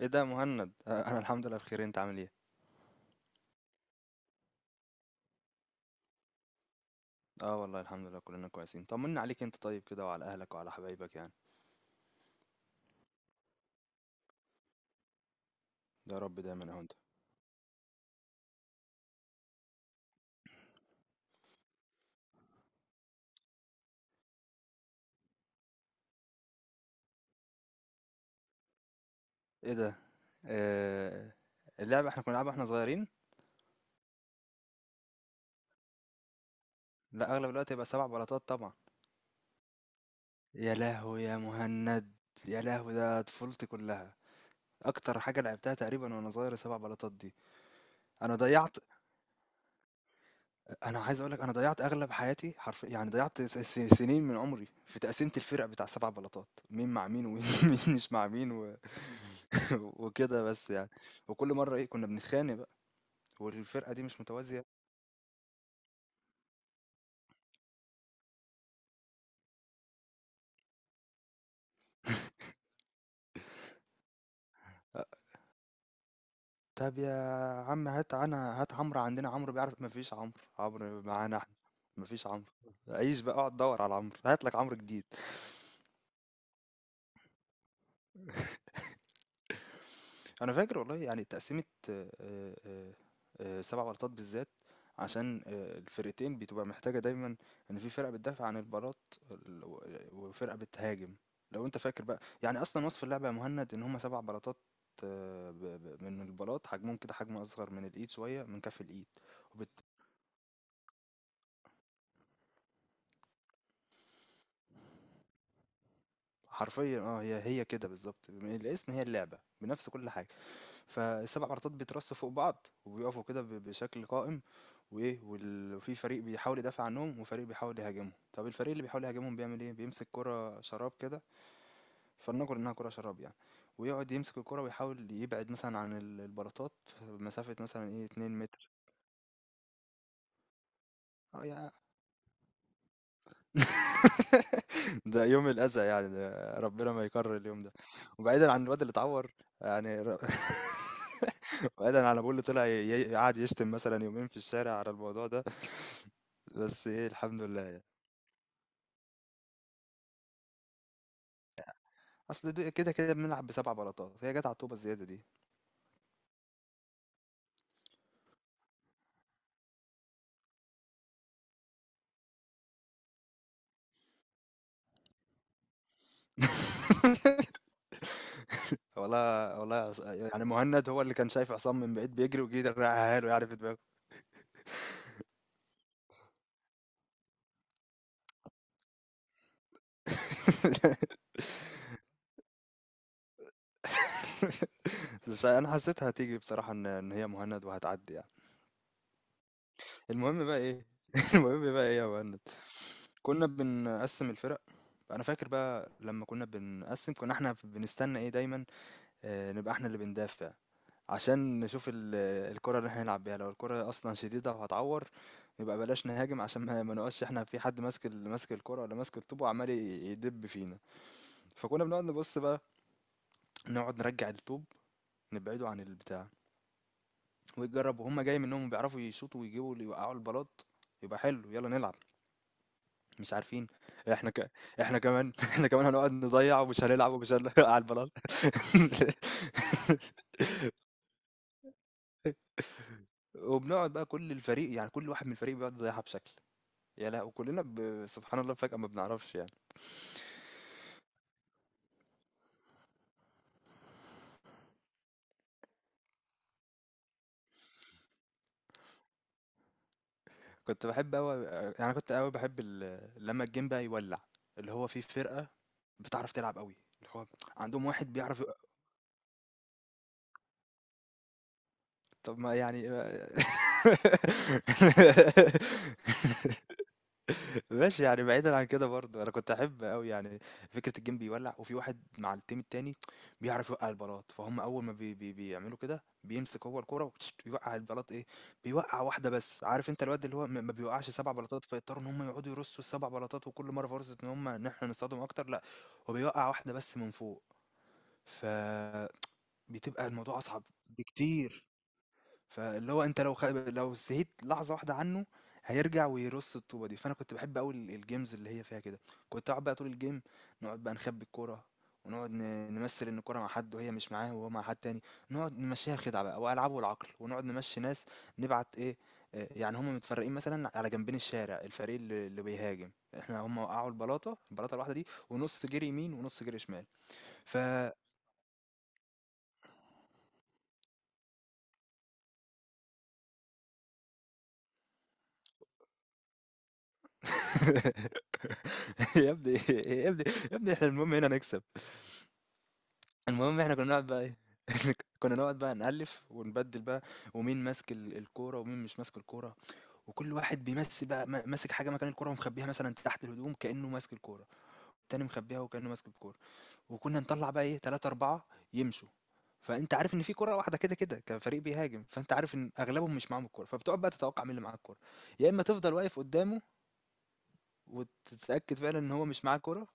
ايه ده يا مهند؟ انا الحمد لله بخير. انت عامل ايه؟ اه، والله الحمد لله كلنا كويسين. طمنا عليك انت طيب كده وعلى اهلك وعلى حبايبك يعني. يا رب دايما. اهو انت. ايه ده؟ آه اللعبه احنا كنا بنلعبها واحنا صغيرين. لا، اغلب الوقت يبقى سبع بلاطات طبعا. يا لهوي يا مهند! يا لهوي، ده طفولتي كلها. اكتر حاجه لعبتها تقريبا وانا صغير سبع بلاطات دي. انا ضيعت أنا عايز أقول لك أنا ضيّعت أغلب حياتي حرف يعني، ضيّعت س س سنين من عمري في تقسيمة الفرق بتاع ال7 بلاطات، مين مع مين ومين مين مش مع مين و وكده بس يعني، وكل مرّة إيه كنا بنتخانق بقى. والفرقة دي مش متوازية. أ طب يا عم، هات أنا، هات عمرو. عندنا عمرو بيعرف. ما فيش عمرو، عمرو معانا إحنا. ما فيش عمرو، عيش بقى، اقعد دوّر على عمرو، هات لك عمرو جديد. انا فاكر والله يعني تقسيمه. آه، آه، آه، سبع بلاطات بالذات. عشان الفرقتين بتبقى محتاجه دايما ان في فرقه بتدافع عن البلاط وفرقه بتهاجم. لو انت فاكر بقى يعني اصلا وصف اللعبه يا مهند ان هما سبع بلاطات. من البلاط حجمهم كده حجم اصغر من الايد شويه من كف الايد. وبت- حرفيا اه، هي هي كده بالظبط. من الاسم هي اللعبه بنفس كل حاجه. فالسبع عرضات بيترصوا فوق بعض وبيقفوا كده بشكل قائم. وايه، وفي فريق بيحاول يدافع عنهم وفريق بيحاول يهاجمهم. طب الفريق اللي بيحاول يهاجمهم بيعمل ايه؟ بيمسك كرة شراب كده. فلنقل انها كرة شراب يعني. ويقعد يمسك الكرة ويحاول يبعد مثلا عن البلاطات مسافة مثلا ايه 2 متر. اه يعني. ده يوم الأذى يعني، ده ربنا ما يكرر اليوم ده. وبعيدًا عن الواد اللي اتعور، يعني بعيدًا عن ابوه اللي طلع قعد يشتم مثلًا يومين في الشارع على الموضوع ده. بس إيه الحمد لله يعني. أصل كده، كده بنلعب ب7 بلاطات، هي جات على الطوبة الزيادة دي. والله والله، يعني مهند هو اللي كان شايف عصام من بعيد بيجري وجه رقّعها له يعني في دماغه. بس أنا حسيتها هتيجي بصراحة إن هي مهند وهتعدي يعني. المهم بقى إيه. المهم بقى إيه يا مهند. كنا بنقسم الفرق. انا فاكر بقى. لما كنا بنقسم كنا احنا بنستنى ايه دايما؟ نبقى احنا اللي بندافع عشان نشوف الكرة اللي احنا هنلعب بيها. لو الكرة اصلا شديدة وهتعور يبقى بلاش نهاجم عشان ما نقعدش احنا في حد ماسك ماسك الكرة ولا ماسك الطوب وعمال يدب فينا. فكنا بنقعد نبص بقى. نقعد نرجع الطوب، نبعده عن البتاع. ويجرب وهم جاي منهم بيعرفوا يشوطوا ويجيبوا اللي يوقعوا البلاط يبقى حلو، يلا نلعب. مش عارفين. إحنا ك إحنا كمان إحنا كمان هنقعد نضيّع ومش هنلعب ومش على البلاط. وبنقعد بقى كل الفريق، يعني كل واحد من الفريق بيقعد يضيّعها بشكل، يا لهو! كلّنا سبحان الله فجأة ما بنعرفش يعني. كنت باحب أوي يعني، أنا كنت أوي باحب لمّا الجيم بقى يولّع، اللي هو في فرقة بتعرف تلعب أوي، اللي هو عندهم واحد بيعرف طب ما يعني. ماشي يعني، بعيدا عن كده برضه انا كنت احب قوي يعني فكره الجيم بيولع وفي واحد مع التيم التاني بيعرف يوقع البلاط. فهم اول ما بي بي بيعملوا كده بيمسك هو الكوره ويوقع البلاط ايه، بيوقع واحده بس. عارف انت الواد اللي هو ما بيوقعش سبع بلاطات فيضطروا ان هم يقعدوا يرصوا السبع بلاطات وكل مره فرصه ان احنا نصطدم اكتر. لا، هو بيوقع واحده بس من فوق. فبتبقى الموضوع اصعب بكتير. فاللي هو أنت لو لو سهيت لحظة واحدة عنه هيرجع ويرص الطوبة دي. فأنا كنت بحب أوي الجيمز اللي هي فيها كده. كنت أقعد بقى طول الجيم نقعد بقى نخبي الكورة، ونقعد نمثل إن الكورة مع حد وهي مش معاه وهو مع حد تاني. نقعد نمشيها خدعة بقى وألعبه العقل ونقعد نمشي ناس. نبعت إيه، يعني هما متفرقين مثلا على جنبين الشارع. الفريق اللي بيهاجم احنا، هما وقعوا البلاطة البلاطة الواحدة دي ونص جري يمين ونص جري شمال. ف يا ابني، يا ابني، يا ابني احنا المهم هنا نكسب. المهم احنا كنا نقعد بقى ايه، كنا نقعد بقى نألف ونبدل بقى ومين ماسك الكورة ومين مش ماسك الكورة. وكل واحد بيمسك بقى ماسك حاجة مكان الكورة ومخبيها مثلا تحت الهدوم كأنه ماسك الكورة، والتاني مخبيها وكأنه ماسك الكورة. وكنا نطلع بقى ايه، تلاتة أربعة يمشوا. فأنت عارف إن في كورة واحدة كده كده كفريق بيهاجم، فأنت عارف إن أغلبهم مش معاهم الكورة. فبتقعد بقى تتوقع مين اللي معاه الكورة. يا إما تفضل واقف قدامه وتتأكد فعلا إن هو مش معاه كورة،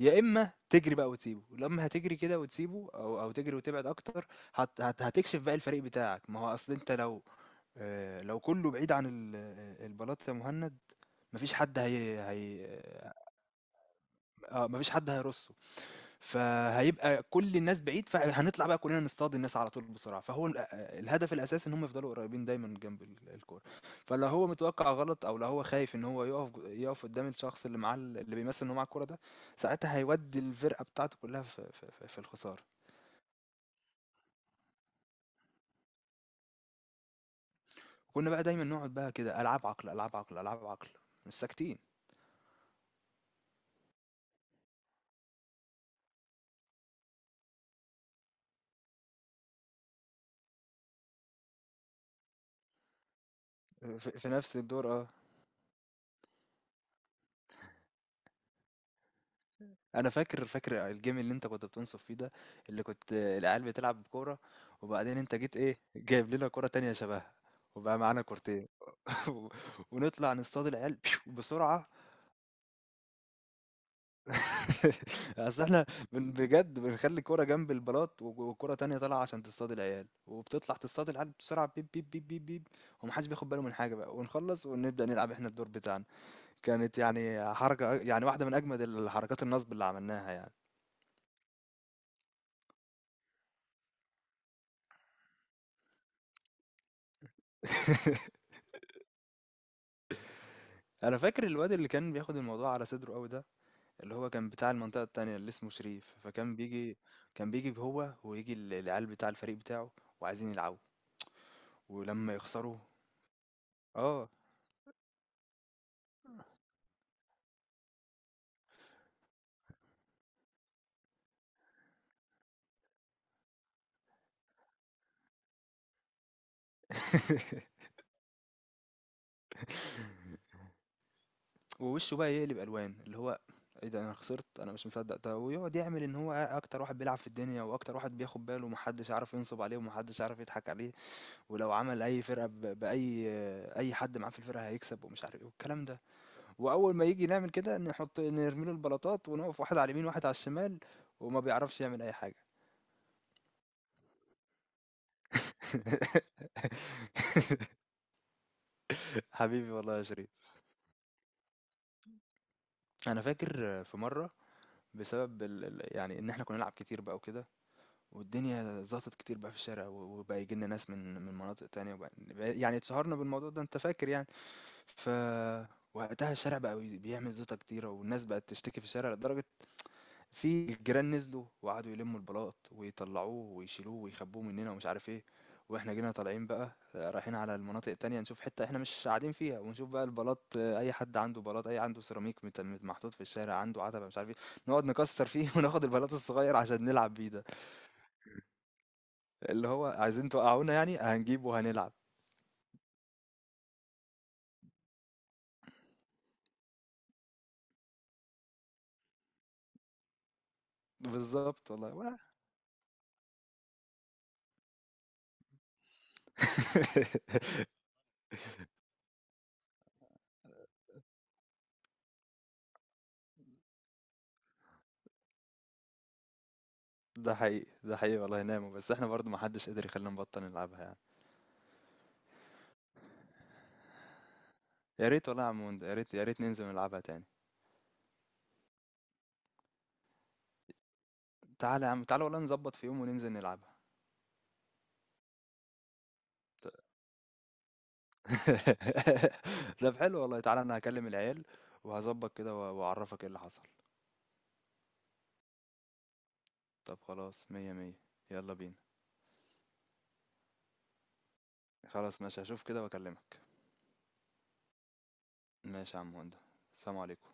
يا اما تجري بقى وتسيبه. لما هتجري كده وتسيبه او تجري وتبعد اكتر، هت هت هتكشف بقى الفريق بتاعك. ما هو اصل انت لو، لو كله بعيد عن البلاط يا مهند، مفيش حد. هي هي، اه، مفيش حد هيرصه. فهيبقى كل الناس بعيد، فهنطلع بقى كلنا نصطاد الناس على طول بسرعة. فهو الهدف الأساسي إن هم يفضلوا قريبين دايما جنب الكورة. فلو هو متوقع غلط، أو لو هو خايف إن هو يقف يقف قدام الشخص اللي معاه اللي بيمثل إن هو معاه الكورة ده، ساعتها هيودي الفرقة بتاعته كلها في الخسارة. كنا بقى دايما نقعد بقى كده، ألعاب عقل ألعاب عقل ألعاب عقل، مش ساكتين. في نفس الدور اه. أنا فاكر الجيم اللي أنت كنت بتنصف فيه ده، اللي كنت العيال بتلعب كورة وبعدين أنت جيت إيه، جايب لنا كورة تانية شبهها، وبقى معانا كورتين. و- ونطلع نصطاد العيال بسرعة. أصل إحنا بجد بنخلّي كورة جنب البلاط و وكورة تانية طالعة عشان تصطاد العيال، وبتطلع تصطاد العيال بسرعة بيب، بيب، بيب، بيب، بيب، وما حدش بياخد باله من حاجة بقى، ونخلّص ونبدأ نلعب إحنا الدور بتاعنا. كانت يعني حركة، يعني واحدة من أجمد الحركات النصب اللي عملناها يعني. انا فاكر الواد اللي كان بياخد الموضوع على صدره قوي ده، اللي هو كان بتاع المنطقه التانية اللي اسمه شريف، فكان بيجي. كان بيجي هو ويجي العيال بتاع الفريق بتاعه وعايزين يلعبوا، ولما يخسروا اه. ووشه بقى يقلب الوان، اللي هو ايه ده، انا خسرت! انا مش مصدق ده! ويقعد يعمل ان هو اكتر واحد بيلعب في الدنيا واكتر واحد بياخد باله ومحدش عارف ينصب عليه ومحدش عارف يضحك عليه، ولو عمل اي فرقه باي اي حد معاه في الفرقه هيكسب ومش عارف ايه والكلام ده. واول ما يجي نعمل كده، نحط نرمي له البلاطات ونقف واحد على اليمين واحد على الشمال، وما بيعرفش يعمل اي حاجه. حبيبي والله يا شريف. انا فاكر في مره، بسبب يعني ان احنا كنا نلعب كتير بقى وكده، والدنيا زاطت كتير بقى في الشارع، وبقى يجي لنا ناس من مناطق تانية، وبقى يعني اتشهرنا بالموضوع ده انت فاكر يعني. ف وقتها الشارع بقى بيعمل زيطة كتيرة والناس بقت تشتكي في الشارع، لدرجة في الجيران نزلوا وقعدوا يلموا البلاط ويطلعوه ويشيلوه ويخبوه مننا ومش عارف ايه. واحنا جينا طالعين بقى، رايحين على المناطق التانية نشوف حتة احنا مش قاعدين فيها ونشوف بقى البلاط، اي حد عنده بلاط، اي عنده سيراميك محطوط في الشارع، عنده عتبة مش عارف ايه، نقعد نكسر فيه وناخد البلاط الصغير عشان نلعب بيه ده. اللي هو عايزين توقعونا يعني؟ هنجيبه وهنلعب. بالظبط والله ده حقيقي، ده حقيقي والله نعمة، بس احنا برضو محدش قدر يخلينا نبطل نلعبها يعني. يا ريت والله يا عم هند، يا ريت يا ريت ننزل نلعبها تاني. تعالَ يا عم، تعالَ والله نضبّط في يوم وننزل نلعبها. ت طب حلو والله، تعالَ أنا هاكلم العيال وهاضبّط كده و وأعرّفك إيه اللي حصل. طب خلاص، مِيّة، مِيّة، يالّا بينا. خلاص ماشي، هاشوف كده وأكلمك. ماشي يا عم هُندة، سلام عليكم.